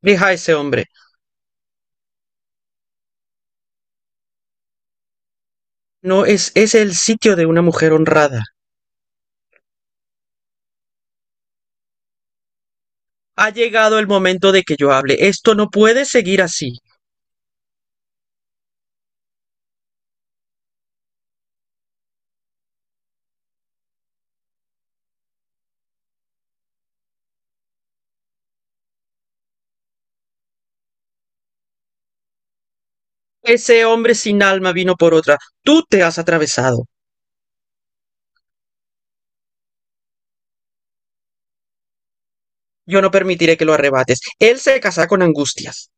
Deja a ese hombre. No es, es el sitio de una mujer honrada. Ha llegado el momento de que yo hable. Esto no puede seguir así. Ese hombre sin alma vino por otra. Tú te has atravesado. Yo no permitiré que lo arrebates. Él se casará con angustias.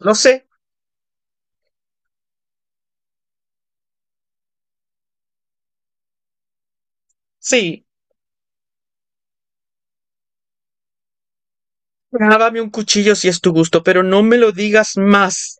Lo sé. Sí. Dábame un cuchillo si es tu gusto, pero no me lo digas más.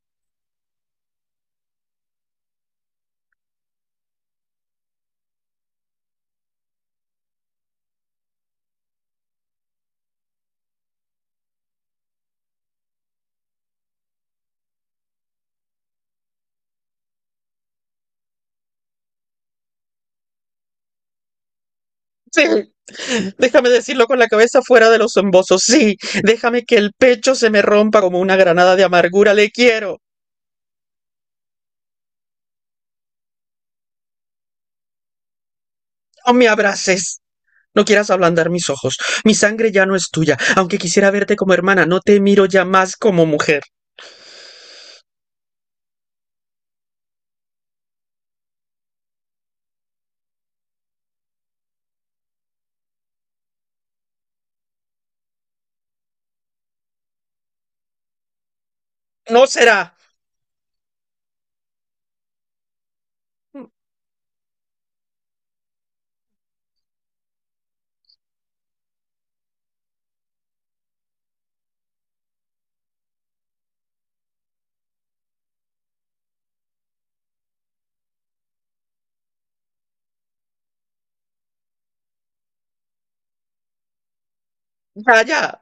Sí. Déjame decirlo con la cabeza fuera de los embozos. Sí. Déjame que el pecho se me rompa como una granada de amargura. Le quiero. No me abraces. No quieras ablandar mis ojos. Mi sangre ya no es tuya. Aunque quisiera verte como hermana, no te miro ya más como mujer. No será. Vaya.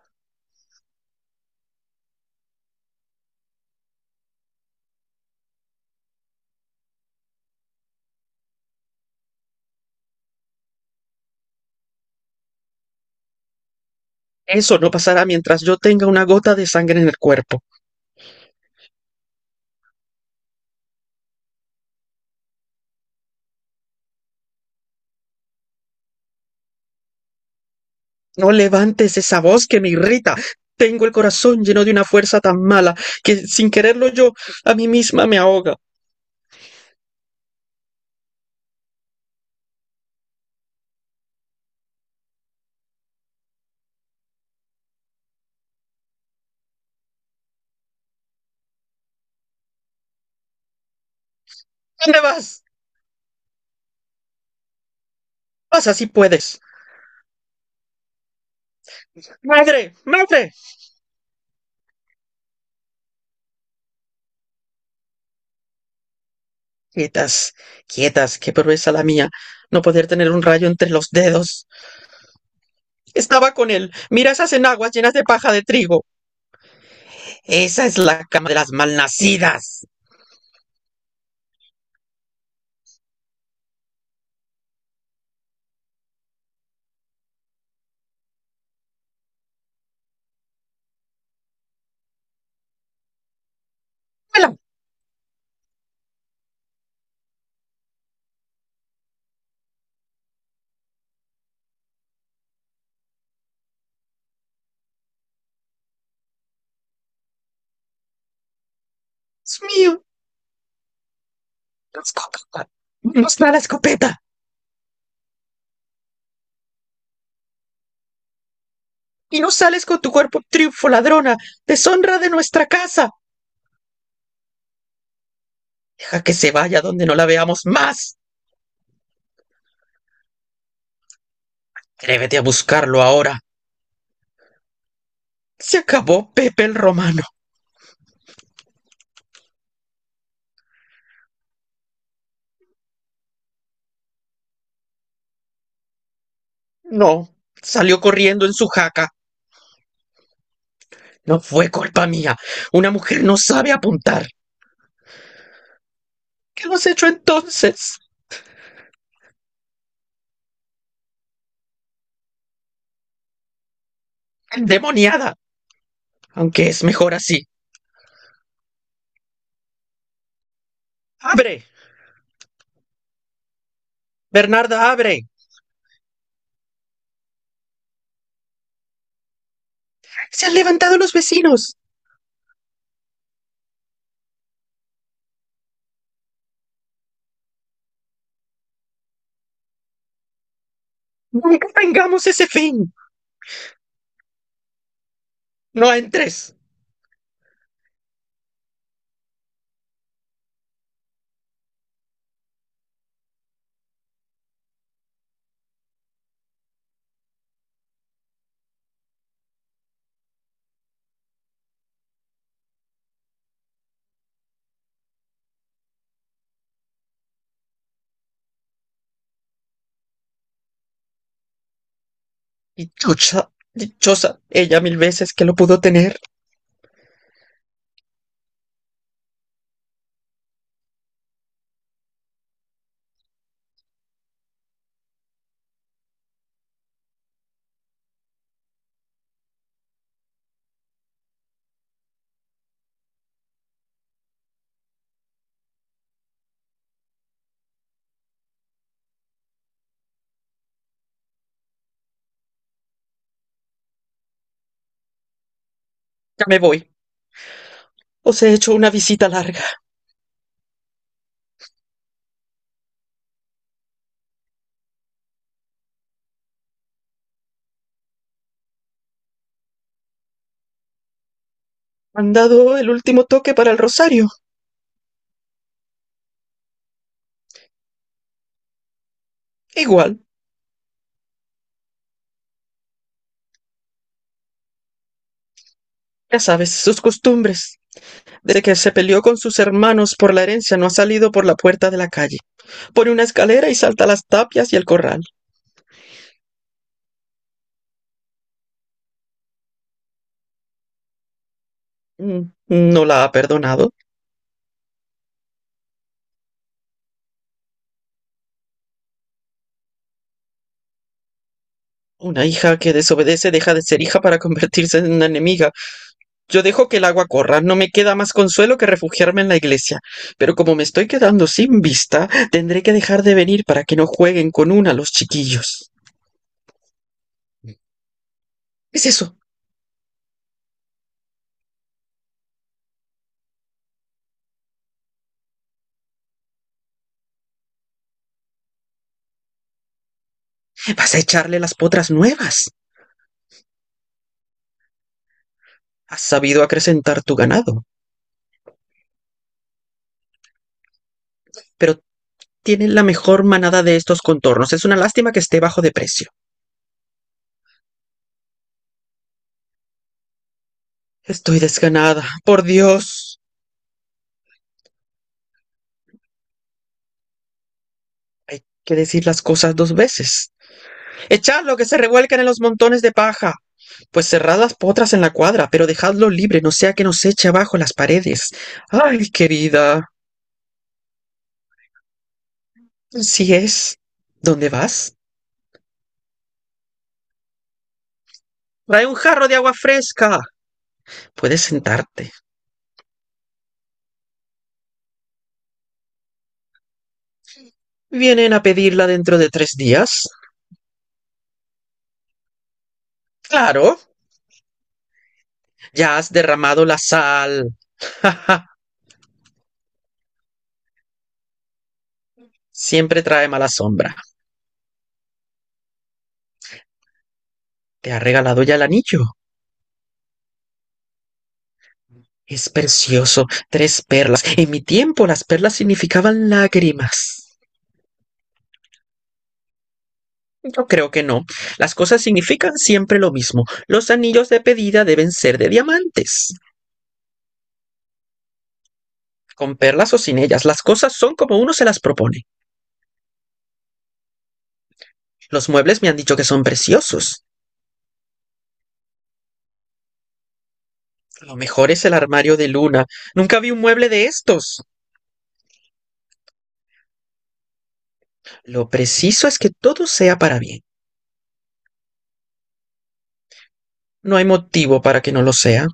Eso no pasará mientras yo tenga una gota de sangre en el cuerpo. No levantes esa voz que me irrita. Tengo el corazón lleno de una fuerza tan mala que, sin quererlo yo, a mí misma me ahoga. ¿Dónde vas? Pasa si puedes. Madre, madre. Quietas, quietas, qué proeza la mía, no poder tener un rayo entre los dedos. Estaba con él. Mira esas enaguas llenas de paja de trigo. Esa es la cama de las malnacidas. ¡Mela! ¡Dios mío! La escopeta. Nos da la escopeta. Y no sales con tu cuerpo triunfo, ladrona. Deshonra de nuestra casa. Deja que se vaya donde no la veamos más. Atrévete a buscarlo ahora. Se acabó Pepe el Romano. No. Salió corriendo en su jaca. No fue culpa mía. Una mujer no sabe apuntar. ¿Qué hemos hecho entonces? Endemoniada. Aunque es mejor así. ¡Abre! Bernarda, abre. Se han levantado los vecinos. Nunca tengamos ese fin. No entres. Dichosa, dichosa ella 1000 veces que lo pudo tener. Ya me voy. Os he hecho una visita larga. Han dado el último toque para el rosario. Igual, ya sabes, sus costumbres. Desde que se peleó con sus hermanos por la herencia no ha salido por la puerta de la calle. Pone una escalera y salta las tapias y el corral. Mm, ¿no la ha perdonado? Una hija que desobedece deja de ser hija para convertirse en una enemiga. Yo dejo que el agua corra. No me queda más consuelo que refugiarme en la iglesia. Pero como me estoy quedando sin vista, tendré que dejar de venir para que no jueguen con una los chiquillos. ¿Qué es eso? Vas a echarle las potras nuevas. Has sabido acrecentar tu ganado, pero tienen la mejor manada de estos contornos. Es una lástima que esté bajo de precio. Estoy desganada, por Dios. Hay que decir las cosas 2 veces. Echadlo, que se revuelcan en los montones de paja. Pues cerrad las potras en la cuadra, pero dejadlo libre, no sea que nos eche abajo las paredes. Ay, querida, así es. ¿Dónde vas? Trae un jarro de agua fresca. Puedes sentarte. Vienen a pedirla dentro de 3 días. Claro. Ya has derramado la sal. Ja, ja. Siempre trae mala sombra. ¿Te ha regalado ya el anillo? Es precioso. 3 perlas. En mi tiempo las perlas significaban lágrimas. Yo creo que no. Las cosas significan siempre lo mismo. Los anillos de pedida deben ser de diamantes. Con perlas o sin ellas, las cosas son como uno se las propone. Los muebles me han dicho que son preciosos. Lo mejor es el armario de luna. Nunca vi un mueble de estos. Lo preciso es que todo sea para bien. No hay motivo para que no lo sea.